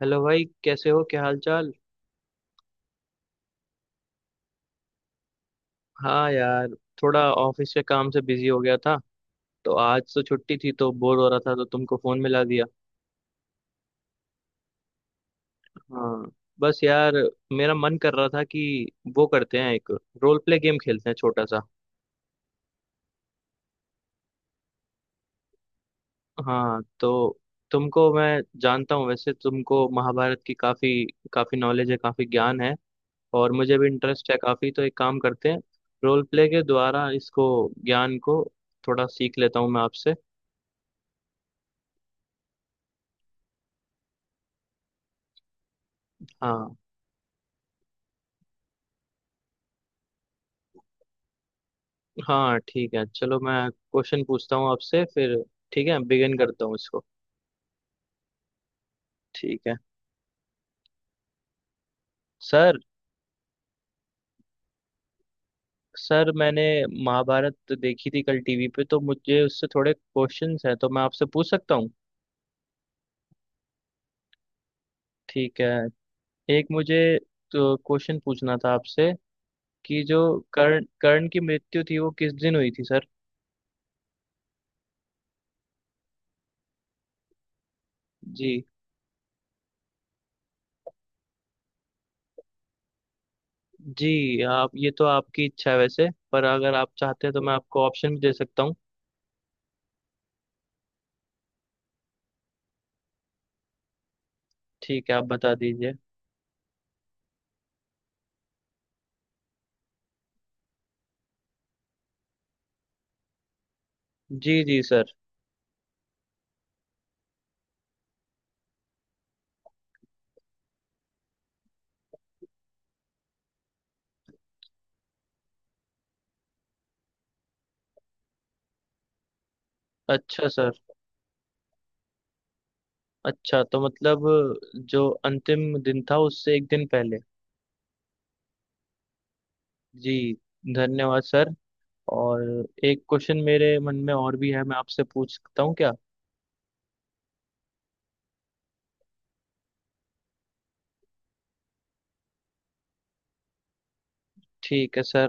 Hello भाई, कैसे हो? क्या हाल चाल? हाँ यार, थोड़ा ऑफिस के काम से बिजी हो गया था। तो आज तो छुट्टी थी तो बोर हो रहा था तो तुमको फोन मिला दिया। हाँ, बस यार, मेरा मन कर रहा था कि वो करते हैं, एक रोल प्ले गेम खेलते हैं छोटा सा। हाँ तो तुमको मैं जानता हूँ, वैसे तुमको महाभारत की काफी काफी नॉलेज है, काफी ज्ञान है। और मुझे भी इंटरेस्ट है काफी, तो एक काम करते हैं, रोल प्ले के द्वारा इसको, ज्ञान को, थोड़ा सीख लेता हूँ मैं आपसे। हाँ हाँ, ठीक है, चलो मैं क्वेश्चन पूछता हूँ आपसे फिर। ठीक है, बिगिन करता हूँ इसको। ठीक है सर। सर मैंने महाभारत देखी थी कल टीवी पे, तो मुझे उससे थोड़े क्वेश्चंस हैं, तो मैं आपसे पूछ सकता हूँ? ठीक है, एक मुझे तो क्वेश्चन पूछना था आपसे कि जो कर्ण, कर्ण की मृत्यु थी वो किस दिन हुई थी सर? जी जी, आप ये तो आपकी इच्छा है वैसे, पर अगर आप चाहते हैं तो मैं आपको ऑप्शन भी दे सकता हूँ। ठीक है, आप बता दीजिए। जी जी सर। अच्छा सर। अच्छा तो मतलब जो अंतिम दिन था उससे एक दिन पहले। जी, धन्यवाद सर। और एक क्वेश्चन मेरे मन में और भी है, मैं आपसे पूछ सकता हूँ क्या? ठीक है सर।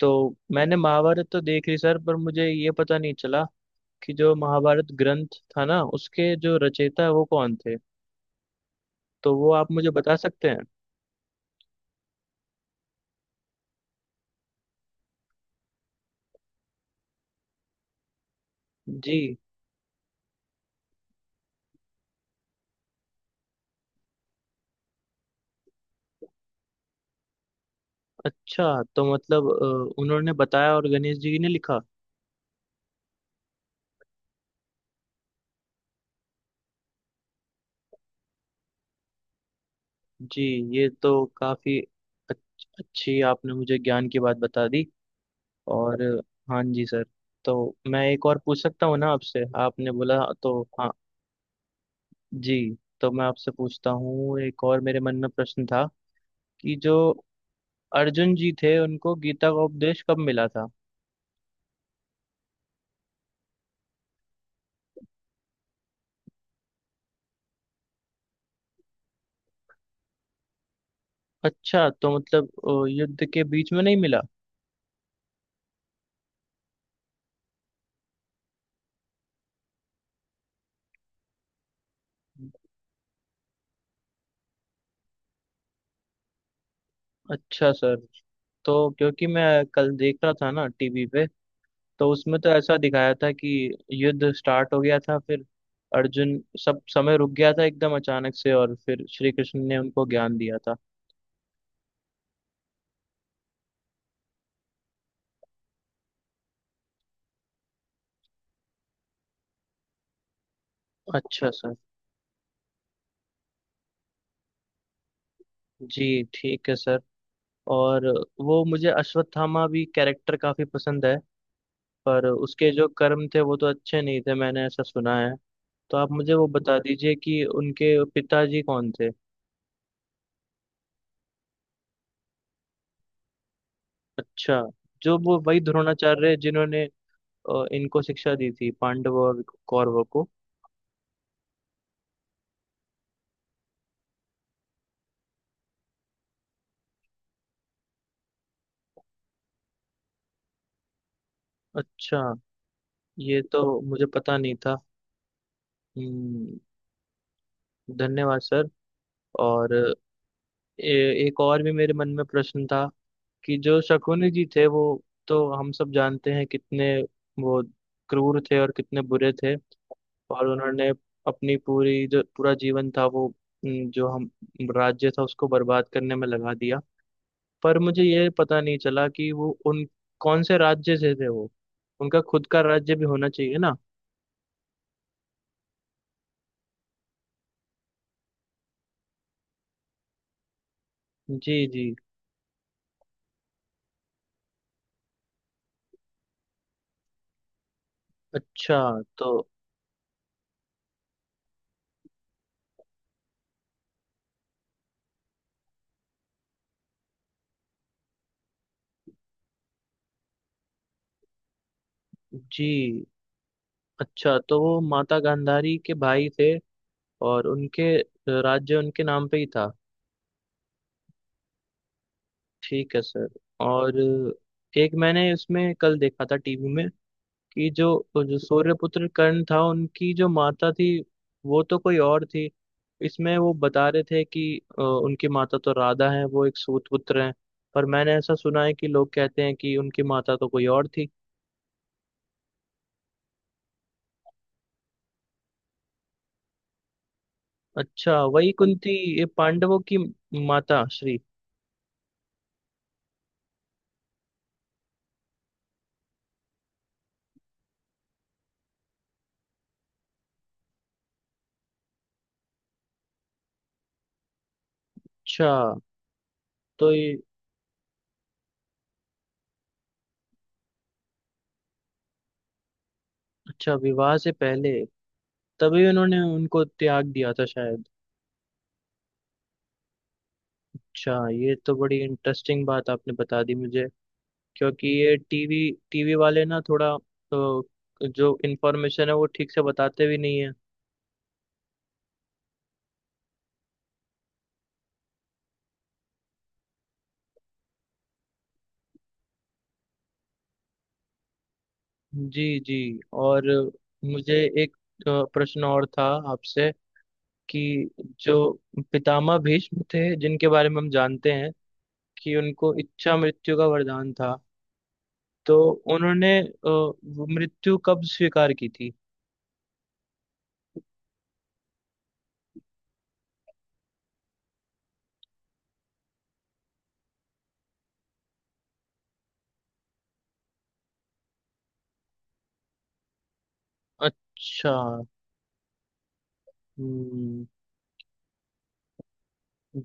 तो मैंने महाभारत तो देख ली सर, पर मुझे ये पता नहीं चला कि जो महाभारत ग्रंथ था ना, उसके जो रचयिता है वो कौन थे? तो वो आप मुझे बता सकते हैं? जी। अच्छा तो मतलब उन्होंने बताया और गणेश जी ने लिखा। जी, ये तो काफी अच्छी आपने मुझे ज्ञान की बात बता दी। और हाँ जी सर, तो मैं एक और पूछ सकता हूँ ना आपसे? आपने बोला तो। हाँ जी। तो मैं आपसे पूछता हूँ, एक और मेरे मन में प्रश्न था कि जो अर्जुन जी थे उनको गीता का उपदेश कब मिला था? अच्छा तो मतलब युद्ध के बीच में नहीं मिला? अच्छा सर, तो क्योंकि मैं कल देख रहा था ना टीवी पे, तो उसमें तो ऐसा दिखाया था कि युद्ध स्टार्ट हो गया था फिर अर्जुन, सब समय रुक गया था एकदम अचानक से, और फिर श्री कृष्ण ने उनको ज्ञान दिया था। अच्छा सर। जी ठीक है सर। और वो मुझे अश्वत्थामा भी कैरेक्टर काफी पसंद है, पर उसके जो कर्म थे वो तो अच्छे नहीं थे, मैंने ऐसा सुना है। तो आप मुझे वो बता दीजिए कि उनके पिताजी कौन थे? अच्छा, जो वो वही द्रोणाचार्य जिन्होंने इनको शिक्षा दी थी, पांडवों और कौरवों को? अच्छा, ये तो मुझे पता नहीं था। हम्म, धन्यवाद सर। और एक और भी मेरे मन में प्रश्न था कि जो शकुनी जी थे वो, तो हम सब जानते हैं कितने वो क्रूर थे और कितने बुरे थे। और उन्होंने अपनी पूरी जो पूरा जीवन था वो, जो हम राज्य था उसको बर्बाद करने में लगा दिया। पर मुझे ये पता नहीं चला कि वो उन कौन से राज्य से थे वो, उनका खुद का राज्य भी होना चाहिए ना? जी जी। अच्छा तो? जी। अच्छा तो वो माता गांधारी के भाई थे, और उनके राज्य उनके नाम पे ही था। ठीक है सर। और एक मैंने इसमें कल देखा था टीवी में कि जो, जो सूर्यपुत्र कर्ण था उनकी जो माता थी वो तो कोई और थी। इसमें वो बता रहे थे कि उनकी माता तो राधा है वो एक सूत पुत्र हैं, पर मैंने ऐसा सुना है कि लोग कहते हैं कि उनकी माता तो कोई और थी। अच्छा, वही कुंती? ये पांडवों की माता श्री? अच्छा तो ये। अच्छा, विवाह से पहले, तभी उन्होंने उनको त्याग दिया था शायद। अच्छा, ये तो बड़ी इंटरेस्टिंग बात आपने बता दी मुझे, क्योंकि ये टीवी, टीवी वाले ना थोड़ा, तो जो इन्फॉर्मेशन है वो ठीक से बताते भी नहीं है। जी जी। और मुझे एक प्रश्न और था आपसे कि जो पितामह भीष्म थे जिनके बारे में हम जानते हैं कि उनको इच्छा मृत्यु का वरदान था, तो उन्होंने वो मृत्यु कब स्वीकार की थी? अच्छा। हम्म,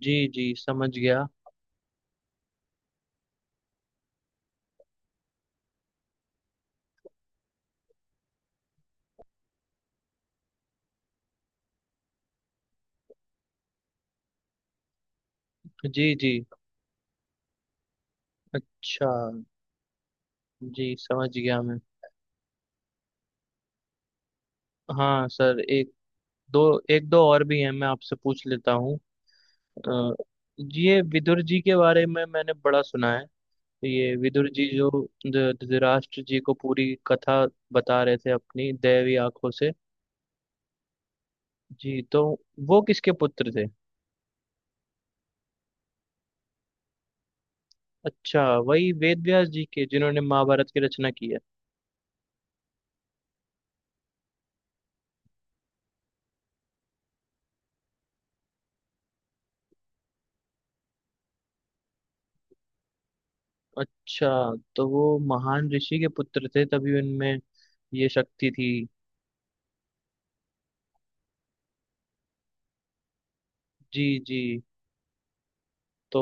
जी जी समझ गया। जी जी। अच्छा, जी समझ गया मैं। हाँ सर, एक, दो, एक दो और भी हैं, मैं आपसे पूछ लेता हूँ। अ, ये विदुर जी के बारे में मैंने बड़ा सुना है। ये विदुर जी जो धृतराष्ट्र जी को पूरी कथा बता रहे थे अपनी दैवी आंखों से। जी, तो वो किसके पुत्र थे? अच्छा, वही वेद व्यास जी के, जिन्होंने महाभारत की रचना की है? अच्छा, तो वो महान ऋषि के पुत्र थे तभी उनमें ये शक्ति थी। जी जी। तो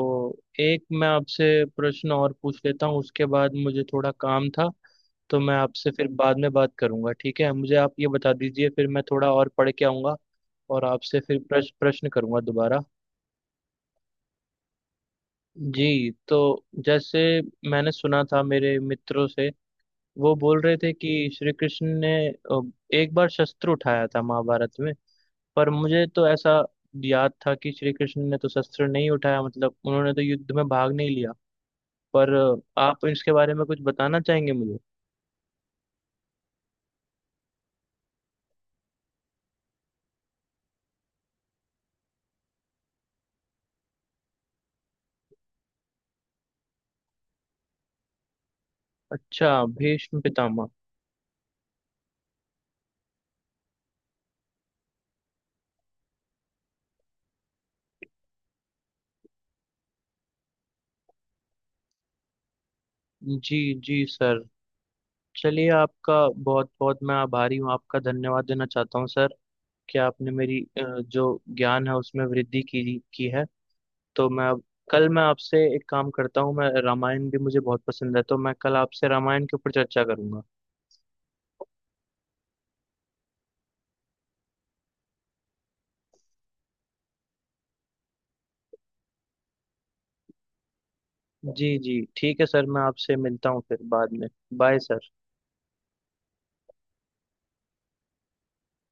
एक मैं आपसे प्रश्न और पूछ लेता हूँ, उसके बाद मुझे थोड़ा काम था, तो मैं आपसे फिर बाद में बात करूंगा। ठीक है, मुझे आप ये बता दीजिए, फिर मैं थोड़ा और पढ़ के आऊंगा और आपसे फिर प्रश्न प्रश्न करूंगा दोबारा। जी, तो जैसे मैंने सुना था मेरे मित्रों से, वो बोल रहे थे कि श्री कृष्ण ने एक बार शस्त्र उठाया था महाभारत में, पर मुझे तो ऐसा याद था कि श्री कृष्ण ने तो शस्त्र नहीं उठाया, मतलब उन्होंने तो युद्ध में भाग नहीं लिया। पर आप इसके बारे में कुछ बताना चाहेंगे मुझे? अच्छा, भीष्म पितामह। जी जी सर, चलिए, आपका बहुत बहुत मैं आभारी हूँ, आपका धन्यवाद देना चाहता हूँ सर, कि आपने मेरी जो ज्ञान है उसमें वृद्धि की है। तो मैं अब, कल मैं आपसे एक काम करता हूँ, मैं रामायण भी मुझे बहुत पसंद है, तो मैं कल आपसे रामायण के ऊपर चर्चा करूंगा। जी जी ठीक है सर, मैं आपसे मिलता हूँ फिर बाद में। Bye sir.